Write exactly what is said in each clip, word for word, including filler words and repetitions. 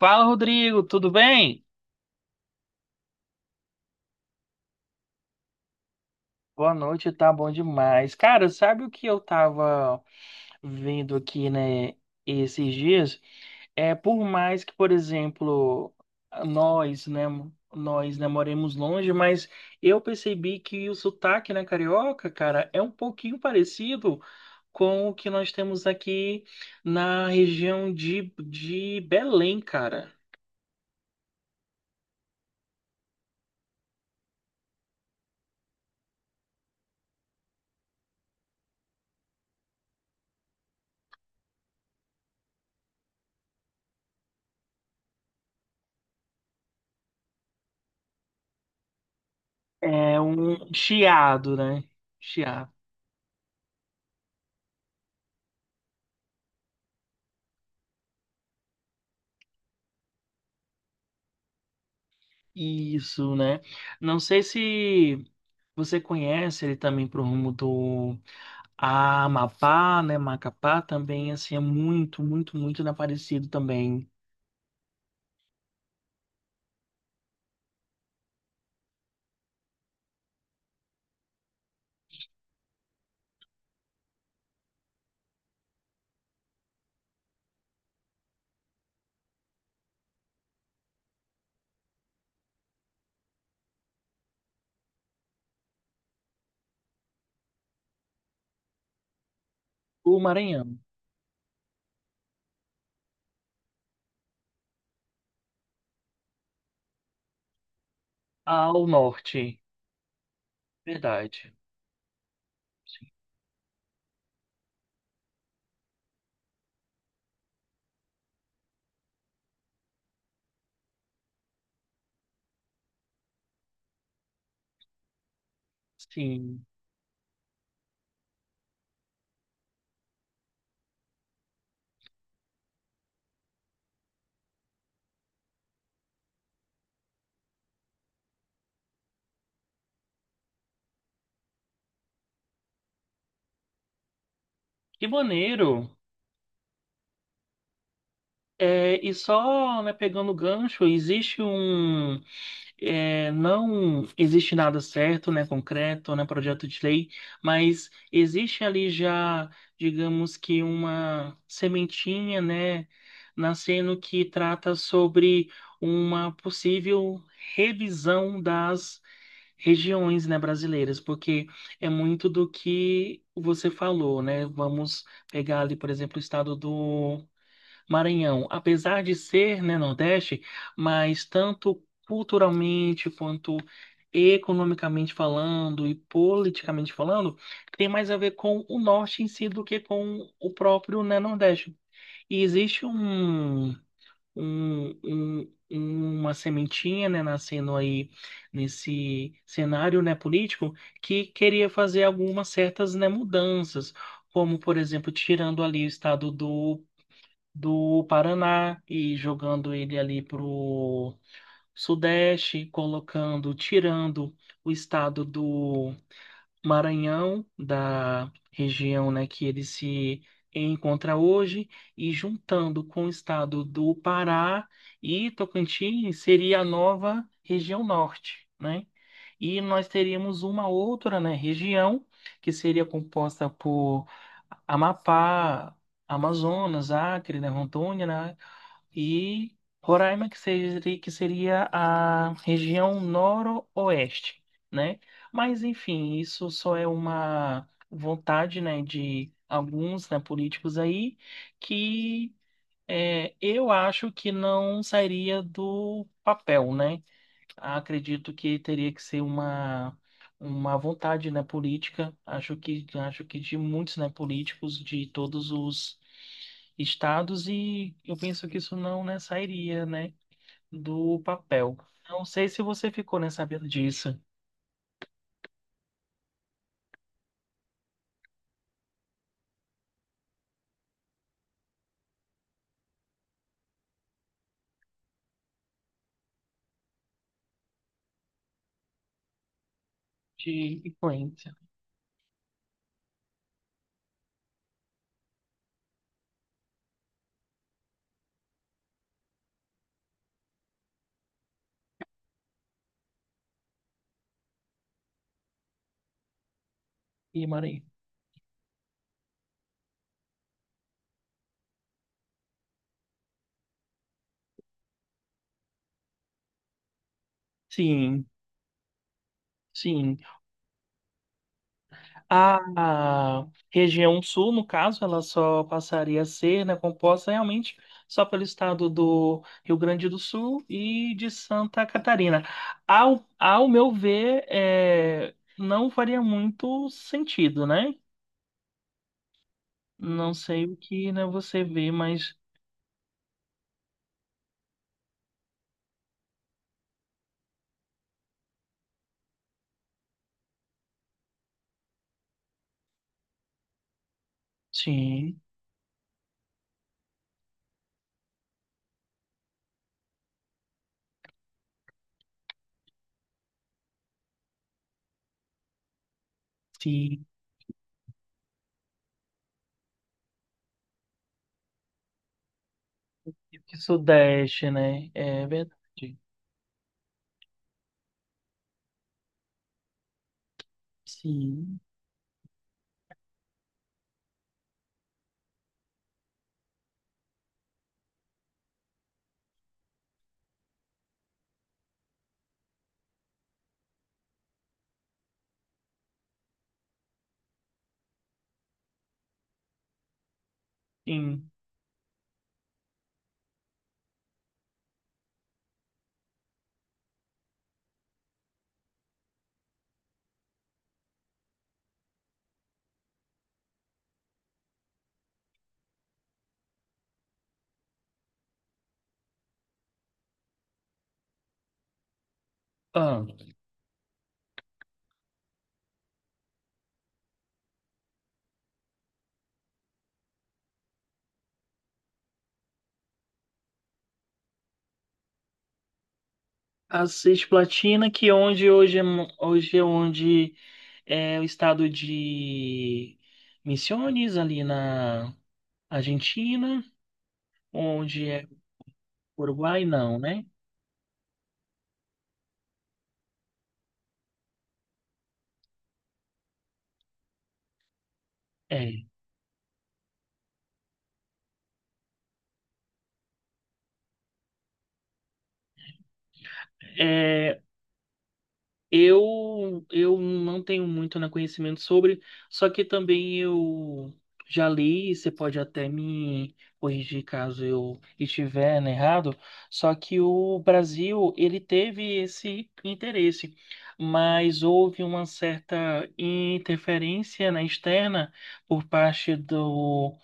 Fala, Rodrigo, tudo bem? Boa noite, tá bom demais. Cara, sabe o que eu tava vendo aqui, né, esses dias? É, por mais que, por exemplo, nós, né, nós, né, moremos longe, mas eu percebi que o sotaque, né, carioca, cara, é um pouquinho parecido com o que nós temos aqui na região de, de Belém, cara. É um chiado, né? Chiado. Isso, né? Não sei se você conhece ele também pro rumo do Amapá, né? Macapá também, assim, é muito, muito, muito né, parecido também. O Maranhão, ao norte, verdade. Sim. Que maneiro! É, e só, né, pegando o gancho, existe um é, não existe nada certo, né, concreto, né, projeto de lei, mas existe ali já, digamos que uma sementinha, né, nascendo que trata sobre uma possível revisão das regiões, né, brasileiras, porque é muito do que você falou, né? Vamos pegar ali, por exemplo, o estado do Maranhão, apesar de ser, né, Nordeste, mas tanto culturalmente quanto economicamente falando e politicamente falando, tem mais a ver com o Norte em si do que com o próprio, né, Nordeste. E existe um, um- um- uma sementinha, né, nascendo aí nesse cenário, né, político que queria fazer algumas certas, né, mudanças. Como, por exemplo, tirando ali o estado do do Paraná e jogando ele ali pro Sudeste, colocando, tirando o estado do Maranhão, da região, né, que ele se encontra hoje, e juntando com o estado do Pará e Tocantins, seria a nova região norte, né? E nós teríamos uma outra, né, região que seria composta por Amapá, Amazonas, Acre, né, Rondônia, né? E Roraima, que seria, que seria a região noroeste, né? Mas, enfim, isso só é uma vontade, né, de alguns, né, políticos aí, que é, eu acho que não sairia do papel, né? Acredito que teria que ser uma. Uma vontade, né, política, acho que acho que de muitos, né, políticos de todos os estados e eu penso que isso não, né, sairia, né, do papel. Não sei se você ficou, né, sabendo disso, de influência e Maranhão. Sim, sim. A região sul, no caso, ela só passaria a ser, né, composta realmente só pelo estado do Rio Grande do Sul e de Santa Catarina. Ao, ao meu ver, é, não faria muito sentido, né? Não sei o que, né, você vê, mas sim, sim. E o que Sudeste, né? É verdade. Sim, sim. Ah, a Cisplatina, que onde hoje é, mo- hoje é onde é o estado de Misiones, ali na Argentina, onde é Uruguai, não, né? É. É. Eu, eu não tenho muito né, conhecimento sobre, só que também eu já li, e você pode até me corrigir caso eu estiver né, errado, só que o Brasil, ele teve esse interesse, mas houve uma certa interferência né, externa por parte do...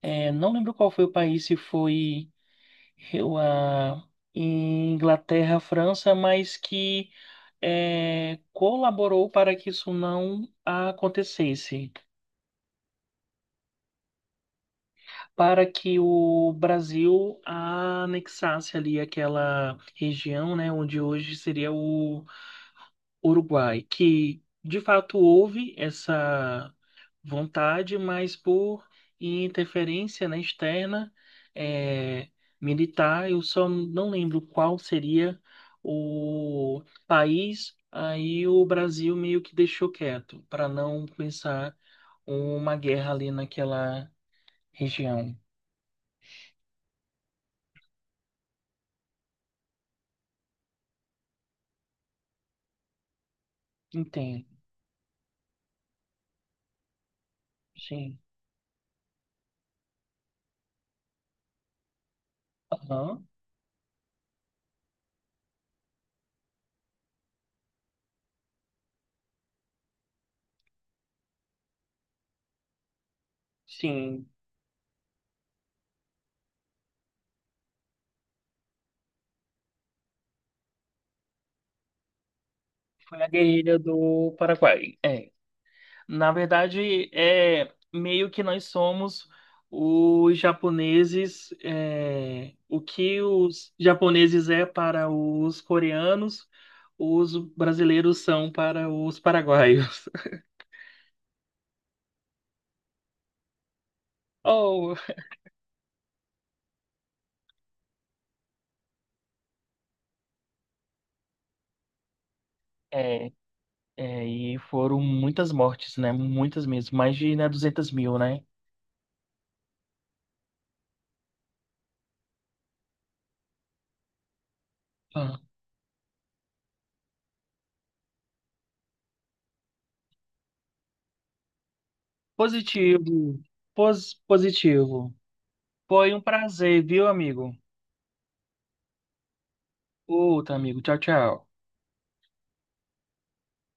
eh, não lembro qual foi o país, se foi eu, a Inglaterra, França, mas que é, colaborou para que isso não acontecesse, para que o Brasil anexasse ali aquela região, né, onde hoje seria o Uruguai, que de fato houve essa vontade, mas por interferência, né, externa, é, militar, eu só não lembro qual seria o país, aí o Brasil meio que deixou quieto, para não começar uma guerra ali naquela região. Entendo, sim. Aham. Sim, foi a guerrilha do Paraguai. É. Na verdade, é meio que nós somos os japoneses, é, o que os japoneses é para os coreanos, os brasileiros são para os paraguaios. Oh, é, é, e foram muitas mortes, né? Muitas mesmo, mais de, né, duzentas mil, né? Ah. Positivo, pos, positivo. Foi um prazer, viu, amigo? Outro amigo, tchau, tchau.